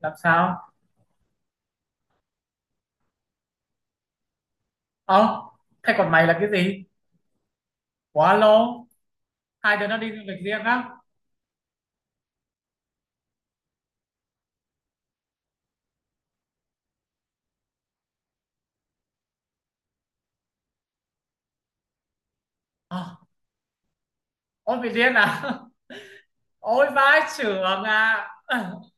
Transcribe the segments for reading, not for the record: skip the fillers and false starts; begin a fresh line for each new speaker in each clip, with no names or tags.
Làm sao? Ờ. Thế còn mày là cái gì? Quá lâu. Hai đứa nó đi du lịch riêng á? Ờ. Ôi, bị điên à? Ôi, vãi chưởng à?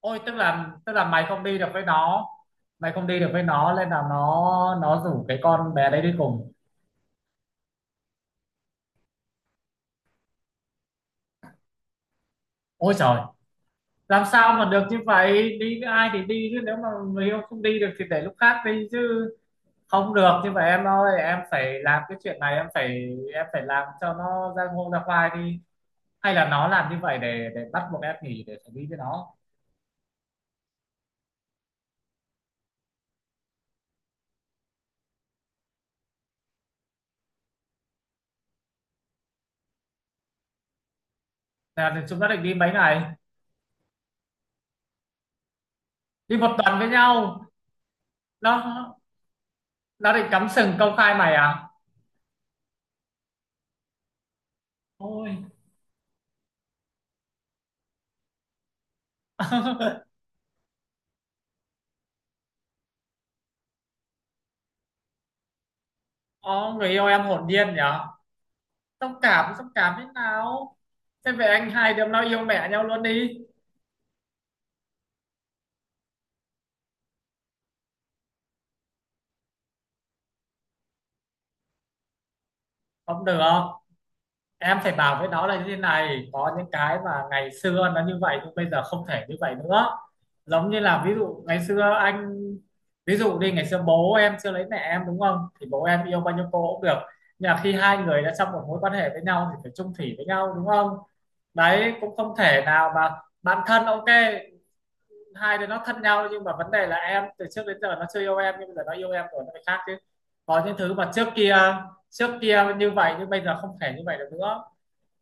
Ôi, tức là mày không đi được với nó. Mày không đi được với nó nên là nó rủ cái con bé đấy đi cùng. Ôi trời. Làm sao mà được như vậy, đi với ai thì đi chứ, nếu mà người yêu không đi được thì để lúc khác đi chứ. Không được như vậy em ơi, em phải làm cái chuyện này, em phải làm cho nó ra ngô ra khoai đi. Hay là nó làm như vậy để bắt buộc em nghỉ để xử lý với nó? Là chúng nó định đi mấy ngày? Đi một tuần với nhau? Nó nó định cắm sừng công khai mày à? Ôi. Ồ, người yêu em hồn nhiên nhở. Xúc cảm thế nào? Thế về anh, hai đứa nó yêu mẹ nhau luôn đi. Không được. Em phải bảo với nó là như thế này: có những cái mà ngày xưa nó như vậy nhưng bây giờ không thể như vậy nữa. Giống như là ví dụ ngày xưa anh. Ví dụ đi, ngày xưa bố em chưa lấy mẹ em đúng không, thì bố em yêu bao nhiêu cô cũng được. Nhưng mà khi hai người đã trong một mối quan hệ với nhau thì phải chung thủy với nhau đúng không? Đấy, cũng không thể nào mà. Bạn thân ok. Hai đứa nó thân nhau, nhưng mà vấn đề là em, từ trước đến giờ nó chưa yêu em nhưng bây giờ nó yêu em rồi, nó phải khác chứ. Có những thứ mà trước kia như vậy nhưng bây giờ không thể như vậy được nữa.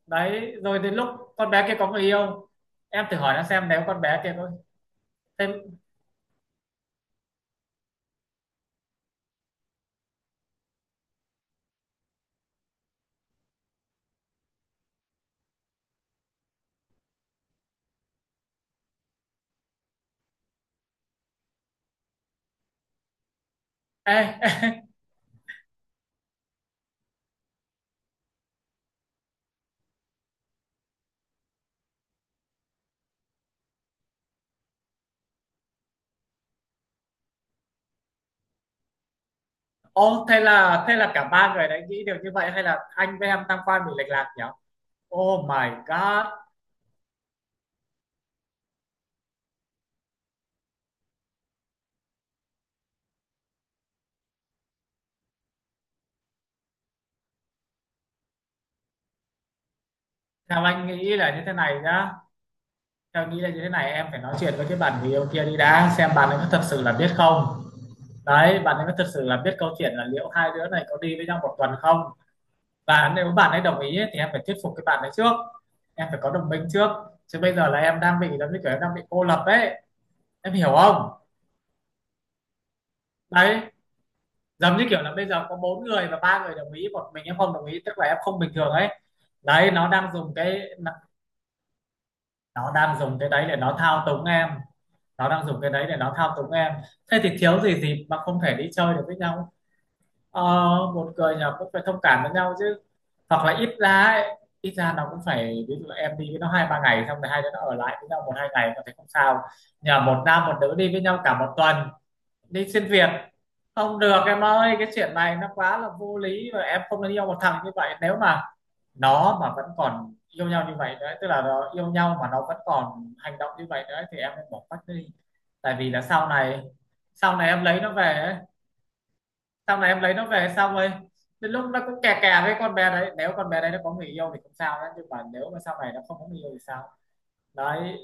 Đấy, rồi đến lúc con bé kia có người yêu. Em thử hỏi nó xem nếu con bé kia có thêm. Ê. Ô, thế là cả ba người đấy nghĩ đều như vậy, hay là anh với em tam quan bị lệch lạc nhỉ? Oh my god. Theo anh nghĩ là như thế này nhá. Theo anh nghĩ là như thế này, em phải nói chuyện với cái bạn người yêu kia đi đã, xem bạn ấy có thật sự là biết không. Đấy, bạn ấy có thật sự là biết câu chuyện, là liệu hai đứa này có đi với nhau một tuần không. Và nếu bạn ấy đồng ý ấy, thì em phải thuyết phục cái bạn ấy trước. Em phải có đồng minh trước. Chứ bây giờ là em đang bị, giống như kiểu em đang bị cô lập ấy. Em hiểu không? Đấy, giống như kiểu là bây giờ có bốn người và ba người đồng ý, một mình em không đồng ý tức là em không bình thường ấy. Đấy, nó đang dùng cái đấy để nó thao túng em. Nó đang dùng cái đấy để nó thao túng em. Thế thì thiếu gì dịp mà không thể đi chơi được với nhau. Ờ. Một người nhỏ cũng phải thông cảm với nhau chứ. Hoặc là ít ra ấy, ít ra nó cũng phải, ví dụ là em đi với nó 2-3 ngày xong rồi hai đứa nó ở lại với nhau 1-2 ngày có thể không sao. Nhờ một nam một nữ đi với nhau cả một tuần. Đi xuyên Việt. Không được em ơi, cái chuyện này nó quá là vô lý và em không nên yêu một thằng như vậy, nếu mà nó mà vẫn còn yêu nhau như vậy nữa, tức là nó yêu nhau mà nó vẫn còn hành động như vậy nữa thì em nên bỏ quách đi. Tại vì là sau này em lấy nó về ấy, sau này em lấy nó về xong rồi đến lúc nó cũng kè kè với con bé đấy, nếu con bé đấy nó có người yêu thì không sao đấy, nhưng mà nếu mà sau này nó không có người yêu thì sao? Đấy.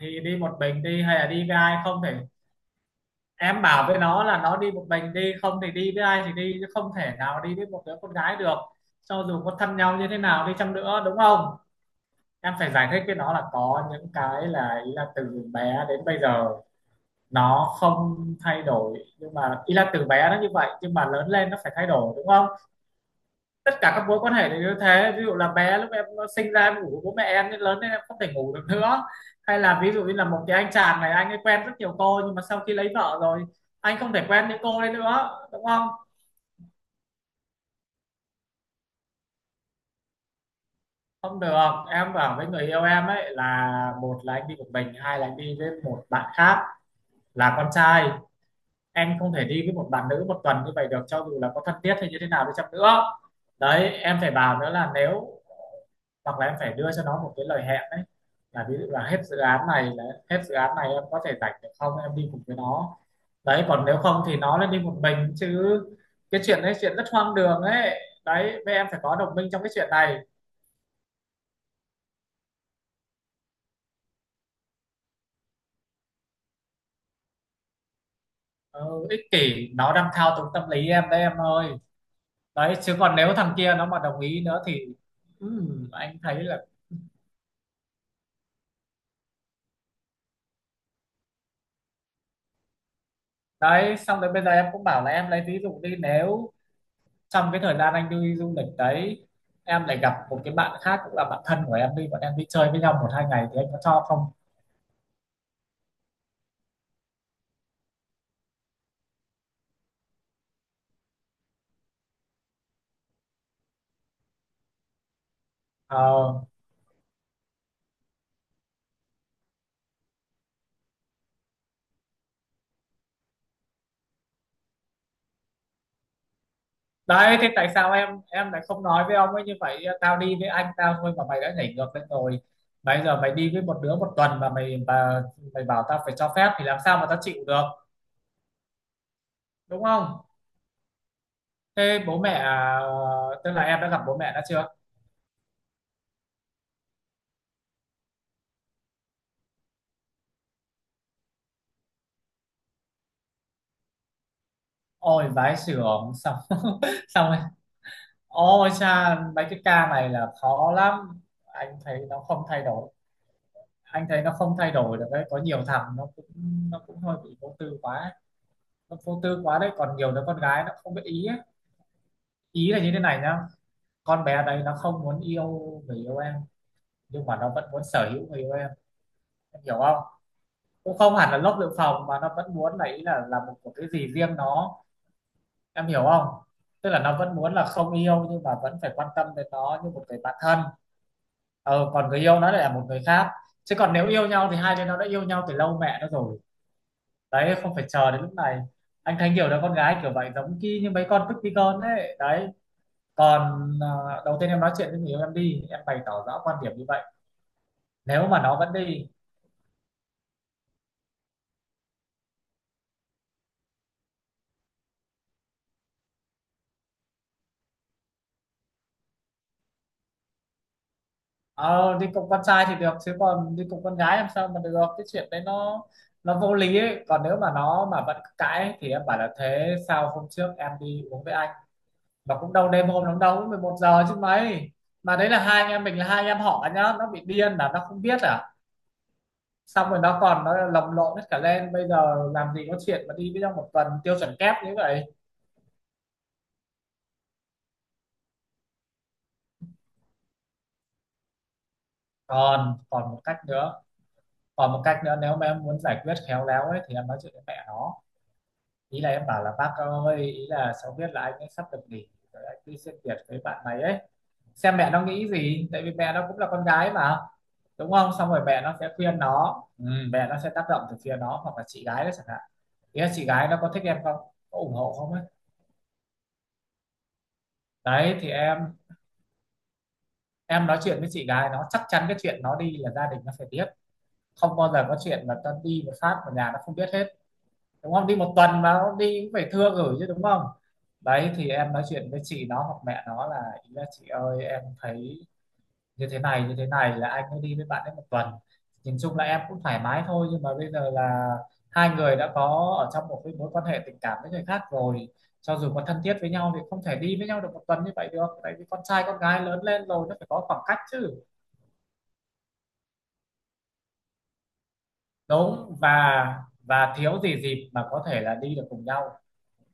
Thì đi một mình đi hay là đi với ai, không thể. Em bảo với nó là nó đi một mình đi, không thì đi với ai thì đi chứ, không thể nào đi với một đứa con gái được. Cho dù có thân nhau như thế nào đi chăng nữa đúng không? Em phải giải thích với nó là có những cái, là ý là từ bé đến bây giờ nó không thay đổi, nhưng mà ý là từ bé nó như vậy nhưng mà lớn lên nó phải thay đổi đúng không? Tất cả các mối quan hệ đều như thế, ví dụ là bé lúc em sinh ra em ngủ với bố mẹ em, nên lớn lên em không thể ngủ được nữa. Hay là ví dụ như là một cái anh chàng này, anh ấy quen rất nhiều cô nhưng mà sau khi lấy vợ rồi anh không thể quen những cô đấy nữa đúng không? Không được. Em bảo với người yêu em ấy là: một là anh đi một mình, hai là anh đi với một bạn khác, là con trai. Em không thể đi với một bạn nữ một tuần như vậy được, cho dù là có thân thiết hay như thế nào đi chăng nữa. Đấy em phải bảo nữa là nếu, hoặc là em phải đưa cho nó một cái lời hẹn đấy. Là ví dụ là hết dự án này là, hết dự án này em có thể rảnh được không, em đi cùng với nó. Đấy còn nếu không thì nó lên đi một mình chứ. Cái chuyện đấy, chuyện rất hoang đường ấy. Đấy với em phải có đồng minh trong cái chuyện này. Ừ, ích kỷ, nó đang thao túng tâm lý em đấy em ơi. Đấy chứ còn nếu thằng kia nó mà đồng ý nữa thì, anh thấy là. Đấy xong rồi bây giờ em cũng bảo là em lấy ví dụ đi, nếu trong cái thời gian anh đi du lịch đấy, em lại gặp một cái bạn khác cũng là bạn thân của em đi, bọn em đi chơi với nhau một hai ngày thì anh có cho không? Ờ. Đấy thế tại sao em lại không nói với ông ấy như vậy: tao đi với anh tao thôi mà mày đã nhảy ngược lên rồi, bây giờ mày đi với một đứa một tuần mà mày mà, mày bảo tao phải cho phép thì làm sao mà tao chịu được, đúng không? Thế bố mẹ, tức là em đã gặp bố mẹ đã chưa? Ôi vãi chưởng xong. Xong. Ôi cha, mấy cái ca này là khó lắm. Anh thấy nó không thay đổi. Anh thấy nó không thay đổi được đấy. Có nhiều thằng nó cũng hơi bị vô tư quá. Ấy. Nó vô tư quá đấy. Còn nhiều đứa con gái nó không biết ý ấy. Ý là như thế này nhá. Con bé đấy nó không muốn yêu người yêu em. Nhưng mà nó vẫn muốn sở hữu người yêu em. Em hiểu không? Cũng không hẳn là lốc dự phòng mà nó vẫn muốn là, ý là một cái gì riêng nó. Em hiểu không? Tức là nó vẫn muốn là không yêu nhưng mà vẫn phải quan tâm đến nó như một người bạn thân. Ờ, Còn người yêu nó lại là một người khác, chứ còn nếu yêu nhau thì hai đứa nó đã yêu nhau từ lâu mẹ nó rồi. Đấy không phải chờ đến lúc này. Anh thấy nhiều đứa con gái kiểu vậy, giống như mấy con tức tí con ấy đấy. Còn đầu tiên em nói chuyện với người yêu em đi, em bày tỏ rõ quan điểm như vậy. Nếu mà nó vẫn đi, ờ, đi cùng con trai thì được chứ còn đi cùng con gái làm sao mà được, cái chuyện đấy nó vô lý ấy. Còn nếu mà nó mà vẫn cãi thì em bảo là, thế sao hôm trước em đi uống với anh, và cũng đâu đêm hôm lắm đâu, cũng 1 giờ chứ mấy. Mà đấy là hai anh em mình là hai anh em họ nhá, nó bị điên là nó không biết à? Xong rồi nó còn nó lồng lộn hết cả lên, bây giờ làm gì có chuyện mà đi với trong một tuần tiêu chuẩn kép như vậy. Còn còn một cách nữa. Còn một cách nữa, nếu mà em muốn giải quyết khéo léo ấy thì em nói chuyện với mẹ nó. Ý là em bảo là: bác ơi, ý là cháu biết là anh ấy sắp được nghỉ rồi, anh đi xuyên Việt với bạn này ấy, xem mẹ nó nghĩ gì. Tại vì mẹ nó cũng là con gái mà, đúng không? Xong rồi mẹ nó sẽ khuyên nó, ừ, mẹ nó sẽ tác động từ phía nó, hoặc là chị gái đó chẳng hạn. Ý là chị gái nó có thích em không, có ủng hộ không ấy. Đấy thì em nói chuyện với chị gái nó, chắc chắn cái chuyện nó đi là gia đình nó phải biết. Không bao giờ có chuyện mà ta đi một phát mà nhà nó không biết hết, đúng không? Đi một tuần mà nó đi cũng phải thưa gửi chứ, đúng không? Đấy thì em nói chuyện với chị nó hoặc mẹ nó, là ý là chị ơi, em thấy như thế này là anh ấy đi với bạn ấy một tuần. Nhìn chung là em cũng thoải mái thôi, nhưng mà bây giờ là hai người đã có ở trong một cái mối quan hệ tình cảm với người khác rồi, cho dù có thân thiết với nhau thì không thể đi với nhau được một tuần như vậy được. Tại vì con trai con gái lớn lên rồi nó phải có khoảng cách chứ, đúng. Và thiếu gì dịp mà có thể là đi được cùng nhau,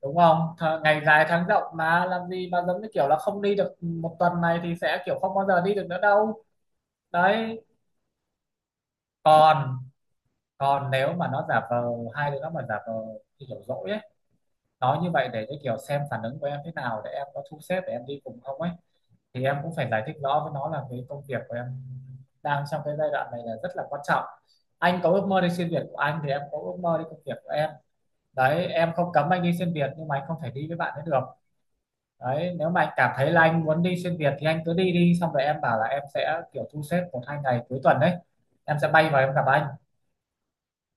đúng không Th? Ngày dài tháng rộng mà làm gì mà giống như kiểu là không đi được một tuần này thì sẽ kiểu không bao giờ đi được nữa đâu. Đấy. Còn còn nếu mà nó giả vờ, hai đứa nó mà giả vờ như kiểu dỗi ấy, nói như vậy để cái kiểu xem phản ứng của em thế nào, để em có thu xếp để em đi cùng không ấy, thì em cũng phải giải thích rõ với nó là cái công việc của em đang trong cái giai đoạn này là rất là quan trọng. Anh có ước mơ đi xuyên Việt của anh thì em có ước mơ đi công việc của em. Đấy, em không cấm anh đi xuyên Việt nhưng mà anh không thể đi với bạn ấy được. Đấy, nếu mà anh cảm thấy là anh muốn đi xuyên Việt thì anh cứ đi đi, xong rồi em bảo là em sẽ kiểu thu xếp một hai ngày cuối tuần đấy em sẽ bay vào em gặp anh.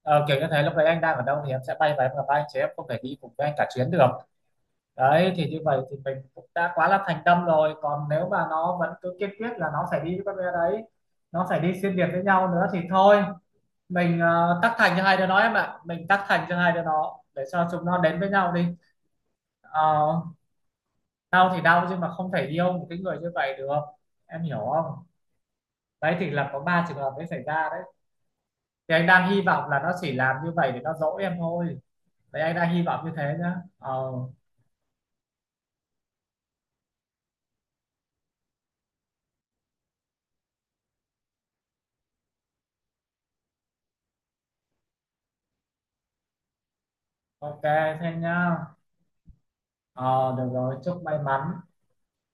Ờ, kiểu như thế, lúc đấy anh đang ở đâu thì em sẽ bay và em gặp anh, chứ em không thể đi cùng với anh cả chuyến được. Đấy thì như vậy thì mình cũng đã quá là thành tâm rồi, còn nếu mà nó vẫn cứ kiên quyết là nó phải đi với con bé đấy, nó phải đi xuyên việt với nhau nữa thì thôi, mình, ờ, tắc thành cho hai đứa nó em ạ, mình tắc thành cho hai đứa nó để cho chúng nó đến với nhau đi. Ờ, đau thì đau nhưng mà không thể yêu một cái người như vậy được, em hiểu không? Đấy thì là có ba trường hợp mới xảy ra đấy, thì anh đang hy vọng là nó chỉ làm như vậy để nó dỗ em thôi. Vậy anh đã hy vọng như thế nhá. Ờ, ok thế nhá. Ờ, được rồi, chúc may mắn.